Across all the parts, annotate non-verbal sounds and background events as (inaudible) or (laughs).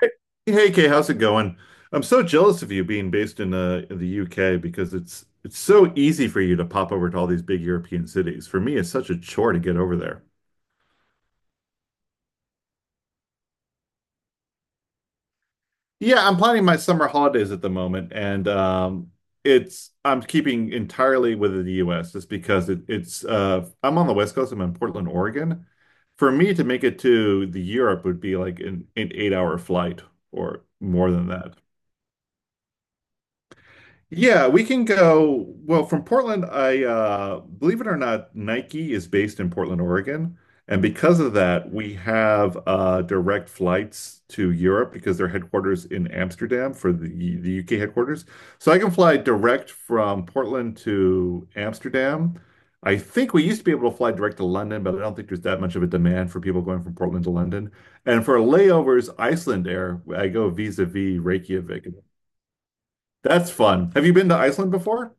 Hey hey, Kay, how's it going? I'm so jealous of you being based in the UK because it's so easy for you to pop over to all these big European cities. For me, it's such a chore to get over there. Yeah, I'm planning my summer holidays at the moment, and it's I'm keeping entirely within the US just because it, it's I'm on the West Coast. I'm in Portland, Oregon. For me to make it to the Europe would be like an 8 hour flight or more than that. Yeah, we can go. Well, from Portland, I believe it or not, Nike is based in Portland, Oregon. And because of that, we have direct flights to Europe because their headquarters in Amsterdam for the UK headquarters. So I can fly direct from Portland to Amsterdam. I think we used to be able to fly direct to London, but I don't think there's that much of a demand for people going from Portland to London. And for layovers, Iceland Air, I go vis-a-vis Reykjavik. That's fun. Have you been to Iceland before?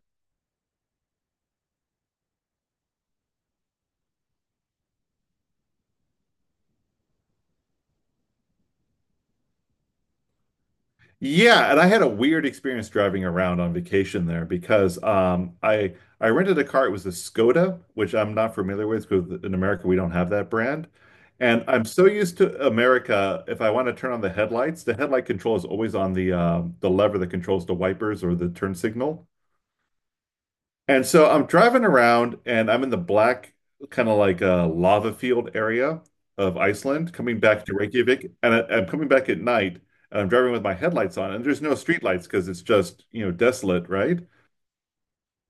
Yeah, and I had a weird experience driving around on vacation there because I rented a car. It was a Skoda, which I'm not familiar with because in America we don't have that brand. And I'm so used to America, if I want to turn on the headlights, the headlight control is always on the lever that controls the wipers or the turn signal. And so I'm driving around and I'm in the black, kind of like a lava field area of Iceland, coming back to Reykjavik. And I am coming back at night and I'm driving with my headlights on, and there's no streetlights because it's just, you know, desolate, right?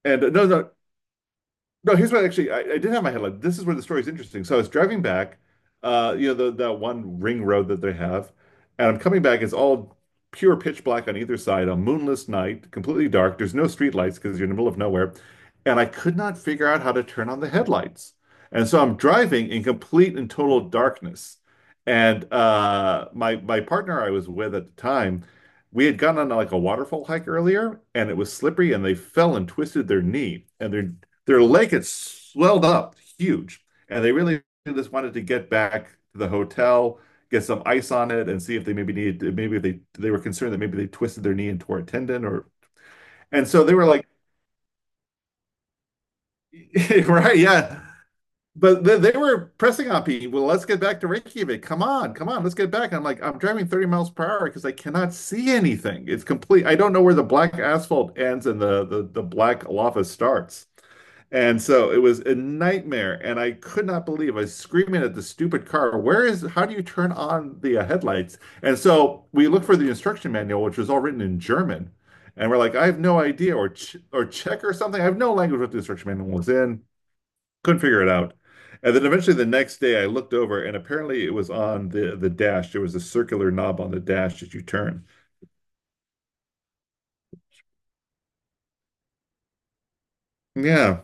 And no, no, no, here's what actually I did have my headline. This is where the story's interesting. So I was driving back, you know, the that one ring road that they have, and I'm coming back. It's all pure pitch black on either side, a moonless night, completely dark. There's no street lights because you're in the middle of nowhere. And I could not figure out how to turn on the headlights. And so I'm driving in complete and total darkness. And my partner I was with at the time, we had gone on like a waterfall hike earlier, and it was slippery, and they fell and twisted their knee, and their lake had swelled up huge, and they really just wanted to get back to the hotel, get some ice on it, and see if they maybe needed maybe if they were concerned that maybe they twisted their knee and tore a tendon or and so they were like, (laughs) right, yeah. But they were pressing on me. Well, let's get back to Reykjavik. Come on, come on, let's get back. And I'm like, I'm driving 30 miles per hour because I cannot see anything. It's complete. I don't know where the black asphalt ends and the black lava starts. And so it was a nightmare, and I could not believe I was screaming at the stupid car, where is, how do you turn on the headlights? And so we looked for the instruction manual, which was all written in German. And we're like, I have no idea, or ch or Czech or something. I have no language what the instruction manual was in. Couldn't figure it out. And then eventually the next day I looked over and apparently it was on the dash. There was a circular knob on the dash that you turn. Yeah.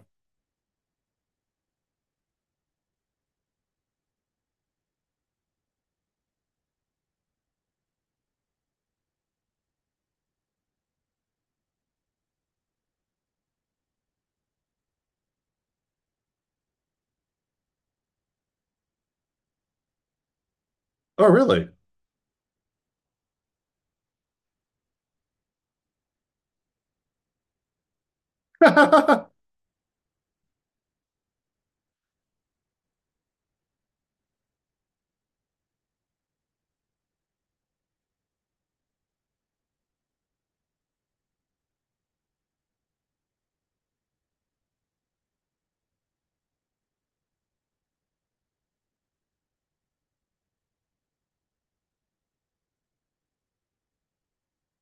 Oh, really? (laughs)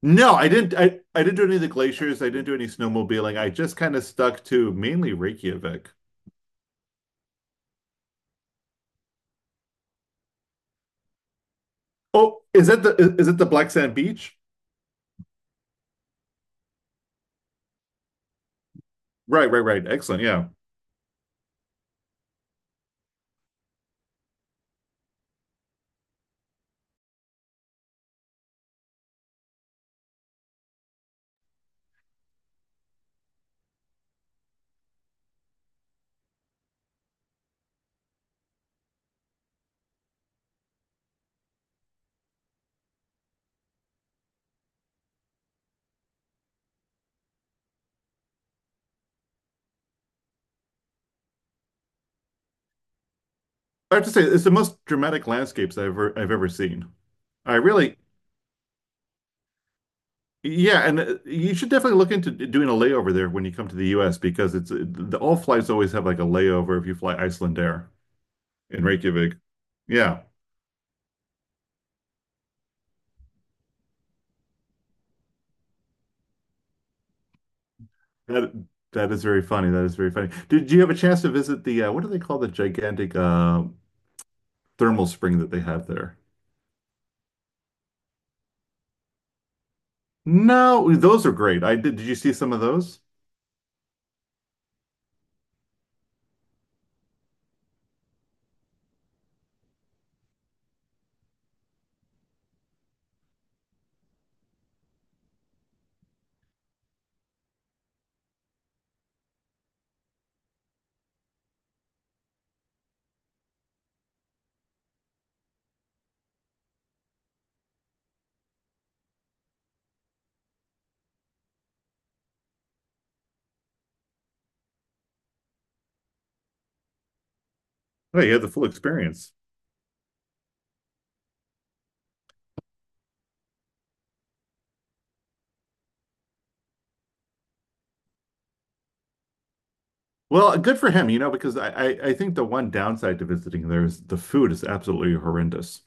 No, I didn't. I didn't do any of the glaciers. I didn't do any snowmobiling. I just kind of stuck to mainly Reykjavik. Oh, is that the is it the Black Sand Beach? Right, right, right. Excellent. Yeah, I have to say it's the most dramatic landscapes I've ever seen. I really, yeah, and you should definitely look into doing a layover there when you come to the U.S. because the all flights always have like a layover if you fly Iceland Air in Reykjavik. Yeah, that that is very funny. That is very funny. Did you have a chance to visit the what do they call the gigantic thermal spring that they have there? No, those are great. I did. Did you see some of those? Oh, you had the full experience. Well, good for him, you know, because I think the one downside to visiting there is the food is absolutely horrendous.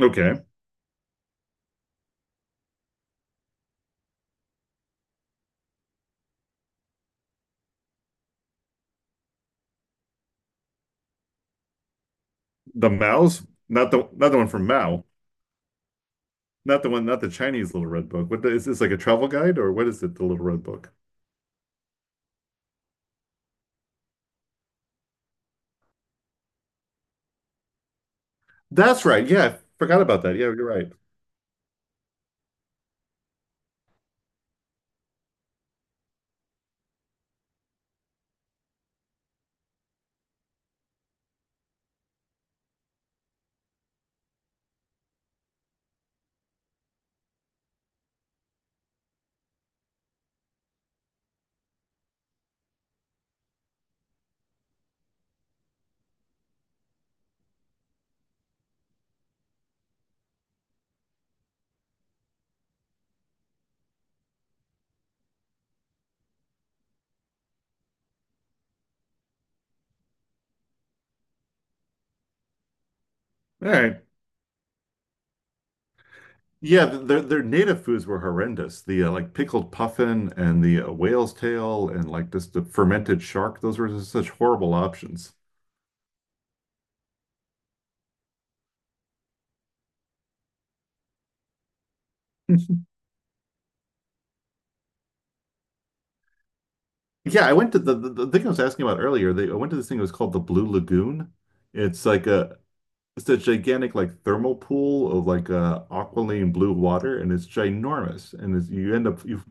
Okay, the Mao's, not the not the one from Mao, not the one, not the Chinese Little Red Book. What is this like a travel guide or what is it? The Little Red Book. That's right. Yeah, I forgot about that. Yeah, you're right. All right. Yeah, their native foods were horrendous. The like pickled puffin and the whale's tail and like just the fermented shark. Those were just such horrible options. (laughs) Yeah, I went to the thing I was asking about earlier. They I went to this thing. It was called the Blue Lagoon. It's like a it's a gigantic like thermal pool of like aqualine blue water, and it's ginormous. And it's, you end up you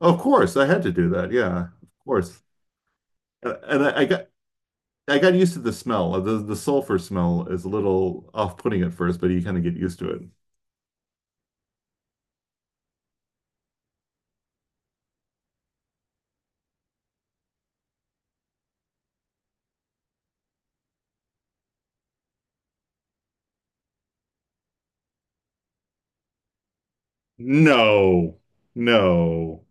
of course I had to do that. Yeah, of course. And I got used to the smell. The sulfur smell is a little off-putting at first, but you kind of get used to it. No, no.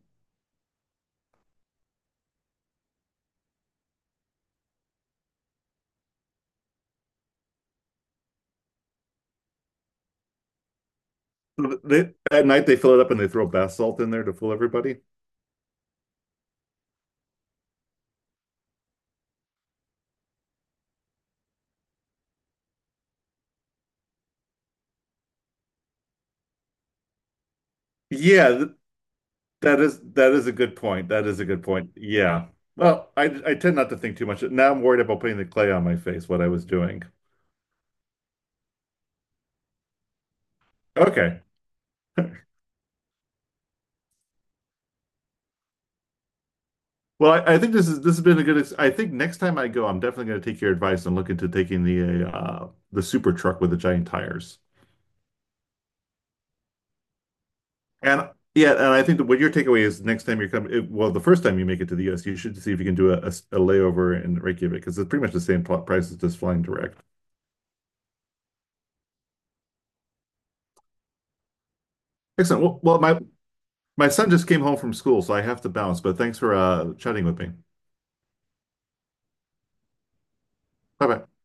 They, at night they fill it up and they throw bath salt in there to fool everybody. Yeah, that is a good point. That is a good point. Yeah. Well, I tend not to think too much. Now I'm worried about putting the clay on my face, what I was doing. Okay. Well, I think this has been a I think next time I go, I'm definitely going to take your advice and look into taking the super truck with the giant tires. And yeah, and I think that what your takeaway is next time you're coming, well, the first time you make it to the US, you should see if you can do a layover in Reykjavik because it's pretty much the same price as just flying direct. Excellent. Well, my son just came home from school, so I have to bounce. But thanks for chatting with me. Bye bye.